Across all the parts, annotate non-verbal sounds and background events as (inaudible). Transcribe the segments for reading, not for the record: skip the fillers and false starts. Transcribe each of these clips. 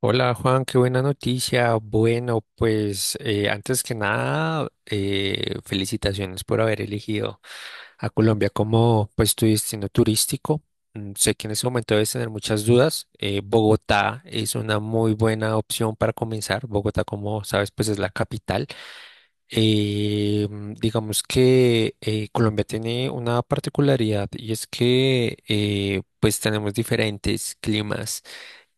Hola Juan, qué buena noticia. Bueno, pues antes que nada, felicitaciones por haber elegido a Colombia como pues tu destino turístico. Sé que en ese momento debes tener muchas dudas. Bogotá es una muy buena opción para comenzar. Bogotá, como sabes, pues es la capital. Digamos que Colombia tiene una particularidad y es que pues tenemos diferentes climas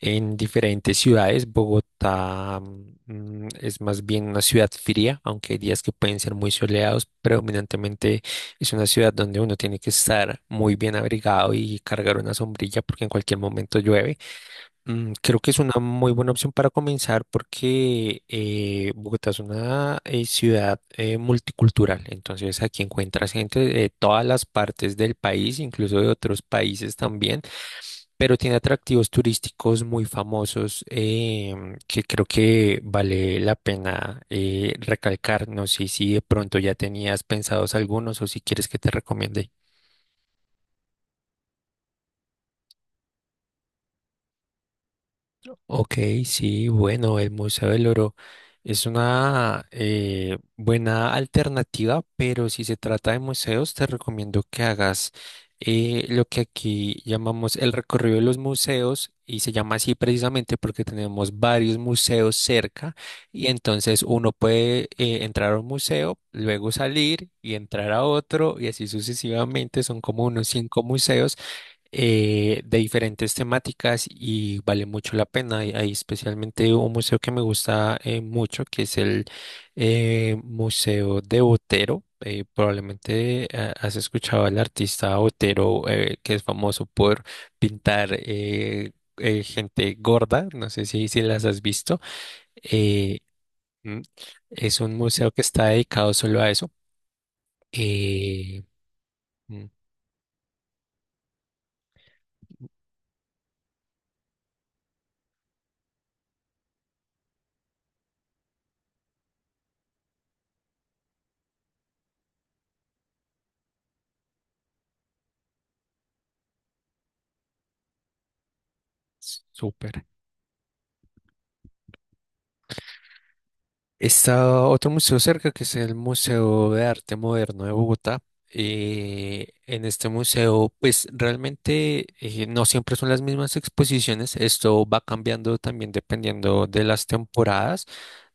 en diferentes ciudades. Bogotá, es más bien una ciudad fría, aunque hay días que pueden ser muy soleados. Predominantemente es una ciudad donde uno tiene que estar muy bien abrigado y cargar una sombrilla porque en cualquier momento llueve. Creo que es una muy buena opción para comenzar porque Bogotá es una ciudad multicultural, entonces aquí encuentras gente de todas las partes del país, incluso de otros países también, pero tiene atractivos turísticos muy famosos que creo que vale la pena recalcar. No sé si de pronto ya tenías pensados algunos o si quieres que te recomiende. Ok, sí, bueno, el Museo del Oro es una buena alternativa, pero si se trata de museos, te recomiendo que hagas lo que aquí llamamos el recorrido de los museos, y se llama así precisamente porque tenemos varios museos cerca, y entonces uno puede entrar a un museo, luego salir y entrar a otro y así sucesivamente. Son como unos cinco museos de diferentes temáticas y vale mucho la pena. Y hay especialmente un museo que me gusta mucho, que es el Museo de Botero. Probablemente has escuchado al artista Botero, que es famoso por pintar gente gorda. No sé si las has visto. Eh, mm, es un museo que está dedicado solo a eso. Eh, mm, Súper. Está otro museo cerca que es el Museo de Arte Moderno de Bogotá. En este museo, pues realmente no siempre son las mismas exposiciones. Esto va cambiando también dependiendo de las temporadas.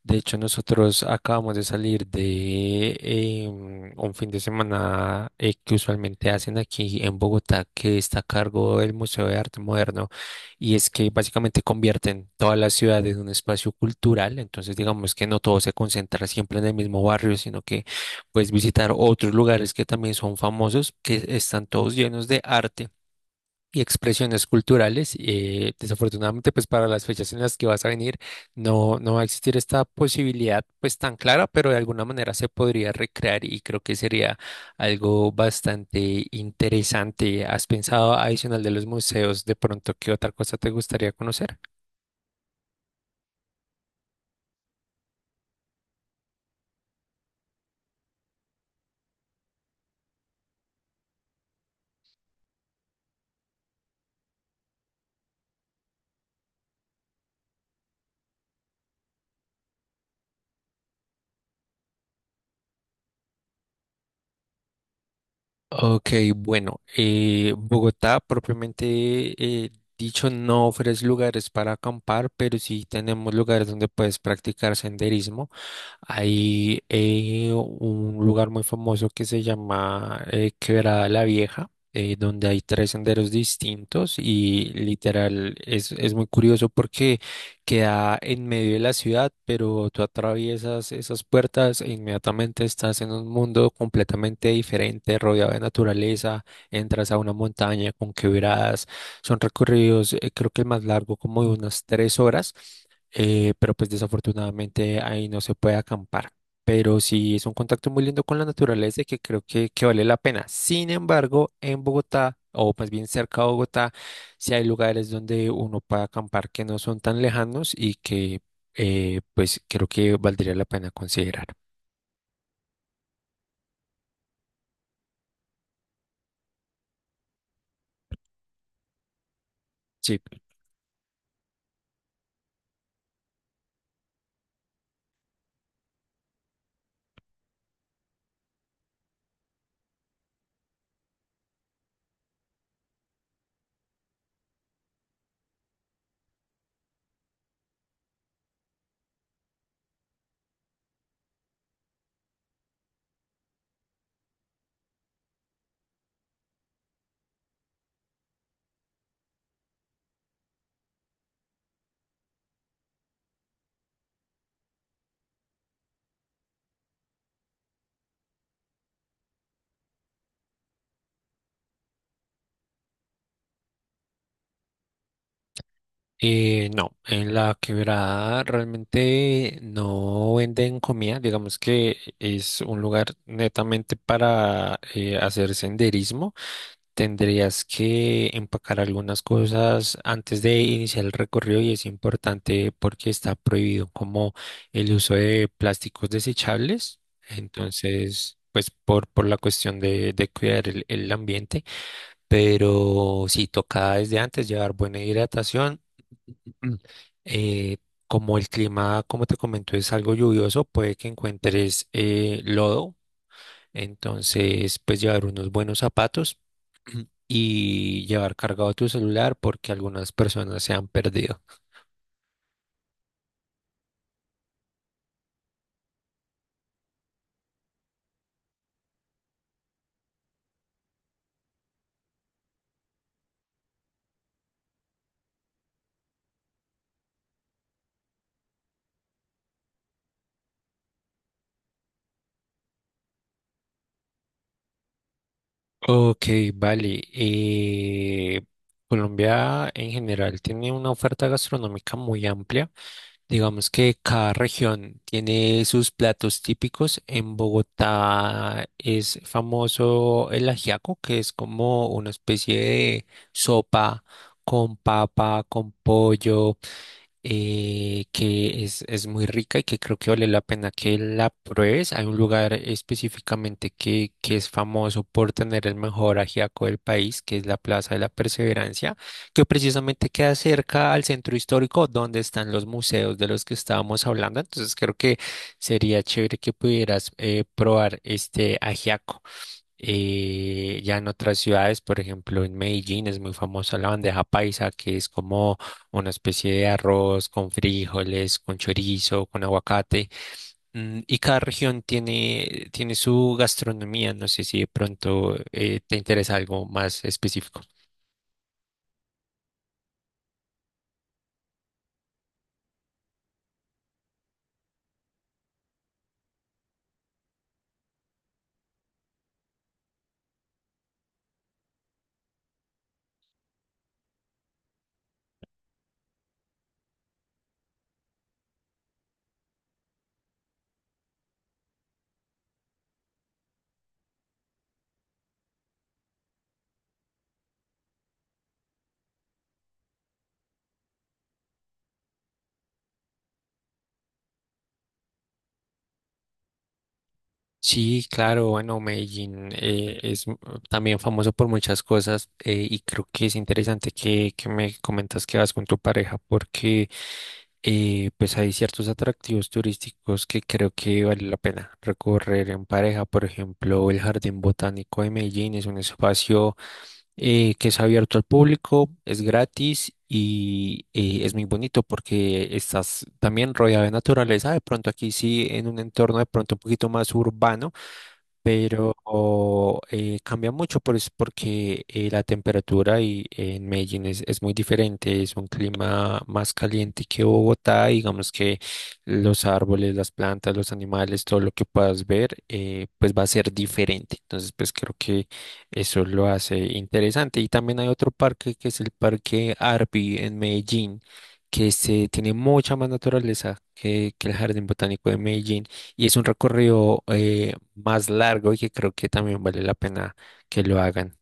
De hecho, nosotros acabamos de salir de un fin de semana que usualmente hacen aquí en Bogotá, que está a cargo del Museo de Arte Moderno, y es que básicamente convierten toda la ciudad en un espacio cultural, entonces digamos que no todo se concentra siempre en el mismo barrio, sino que puedes visitar otros lugares que también son famosos, que están todos llenos de arte y expresiones culturales. Desafortunadamente, pues para las fechas en las que vas a venir, no va a existir esta posibilidad pues tan clara, pero de alguna manera se podría recrear y creo que sería algo bastante interesante. ¿Has pensado, adicional de los museos, de pronto qué otra cosa te gustaría conocer? Ok, bueno, Bogotá propiamente eh, dicho no ofrece lugares para acampar, pero sí tenemos lugares donde puedes practicar senderismo. Hay un lugar muy famoso que se llama Quebrada la Vieja, donde hay tres senderos distintos y literal es muy curioso porque queda en medio de la ciudad, pero tú atraviesas esas puertas e inmediatamente estás en un mundo completamente diferente, rodeado de naturaleza, entras a una montaña con quebradas. Son recorridos, creo que el más largo como de unas tres horas, pero pues desafortunadamente ahí no se puede acampar. Pero sí es un contacto muy lindo con la naturaleza y que creo que vale la pena. Sin embargo, en Bogotá, o más bien cerca de Bogotá, sí hay lugares donde uno puede acampar que no son tan lejanos y que pues creo que valdría la pena considerar. Sí, no, en la quebrada realmente no venden comida, digamos que es un lugar netamente para hacer senderismo. Tendrías que empacar algunas cosas antes de iniciar el recorrido, y es importante porque está prohibido como el uso de plásticos desechables. Entonces, pues por la cuestión de cuidar el ambiente. Pero sí toca desde antes llevar buena hidratación. (clears throat) Eh, como el clima, como te comento, es algo lluvioso, puede que encuentres lodo, entonces, pues llevar unos buenos zapatos (clears throat) y llevar cargado tu celular porque algunas personas se han perdido. Ok, vale. Colombia en general tiene una oferta gastronómica muy amplia. Digamos que cada región tiene sus platos típicos. En Bogotá es famoso el ajiaco, que es como una especie de sopa con papa, con pollo. Es muy rica y que creo que vale la pena que la pruebes. Hay un lugar específicamente que es famoso por tener el mejor ajiaco del país, que es la Plaza de la Perseverancia, que precisamente queda cerca al centro histórico donde están los museos de los que estábamos hablando. Entonces creo que sería chévere que pudieras probar este ajiaco. Ya en otras ciudades, por ejemplo, en Medellín es muy famosa la bandeja paisa, que es como una especie de arroz con frijoles, con chorizo, con aguacate. Y cada región tiene, tiene su gastronomía. No sé si de pronto te interesa algo más específico. Sí, claro, bueno, Medellín también famoso por muchas cosas, y creo que es interesante que me comentas que vas con tu pareja, porque y pues hay ciertos atractivos turísticos que creo que vale la pena recorrer en pareja. Por ejemplo, el Jardín Botánico de Medellín es un espacio que es abierto al público, es gratis y es muy bonito porque estás también rodeado de naturaleza. De pronto aquí sí, en un entorno de pronto un poquito más urbano, pero cambia mucho pues, porque la temperatura y, en Medellín es muy diferente, es un clima más caliente que Bogotá, y digamos que los árboles, las plantas, los animales, todo lo que puedas ver, pues va a ser diferente. Entonces, pues creo que eso lo hace interesante. Y también hay otro parque que es el Parque Arby en Medellín, que se tiene mucha más naturaleza que el Jardín Botánico de Medellín. Y es un recorrido más largo y que creo que también vale la pena que lo hagan.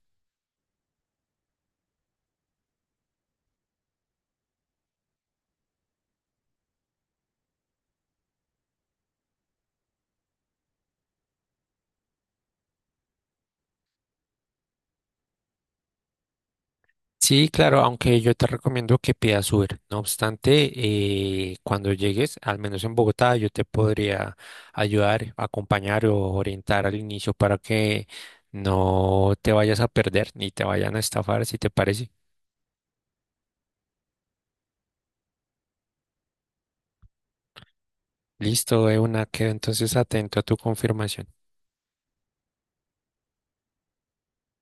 Sí, claro, aunque yo te recomiendo que pidas Uber. No obstante, cuando llegues, al menos en Bogotá, yo te podría ayudar, acompañar o orientar al inicio para que no te vayas a perder ni te vayan a estafar, si te parece. Listo, de una, quedo entonces atento a tu confirmación.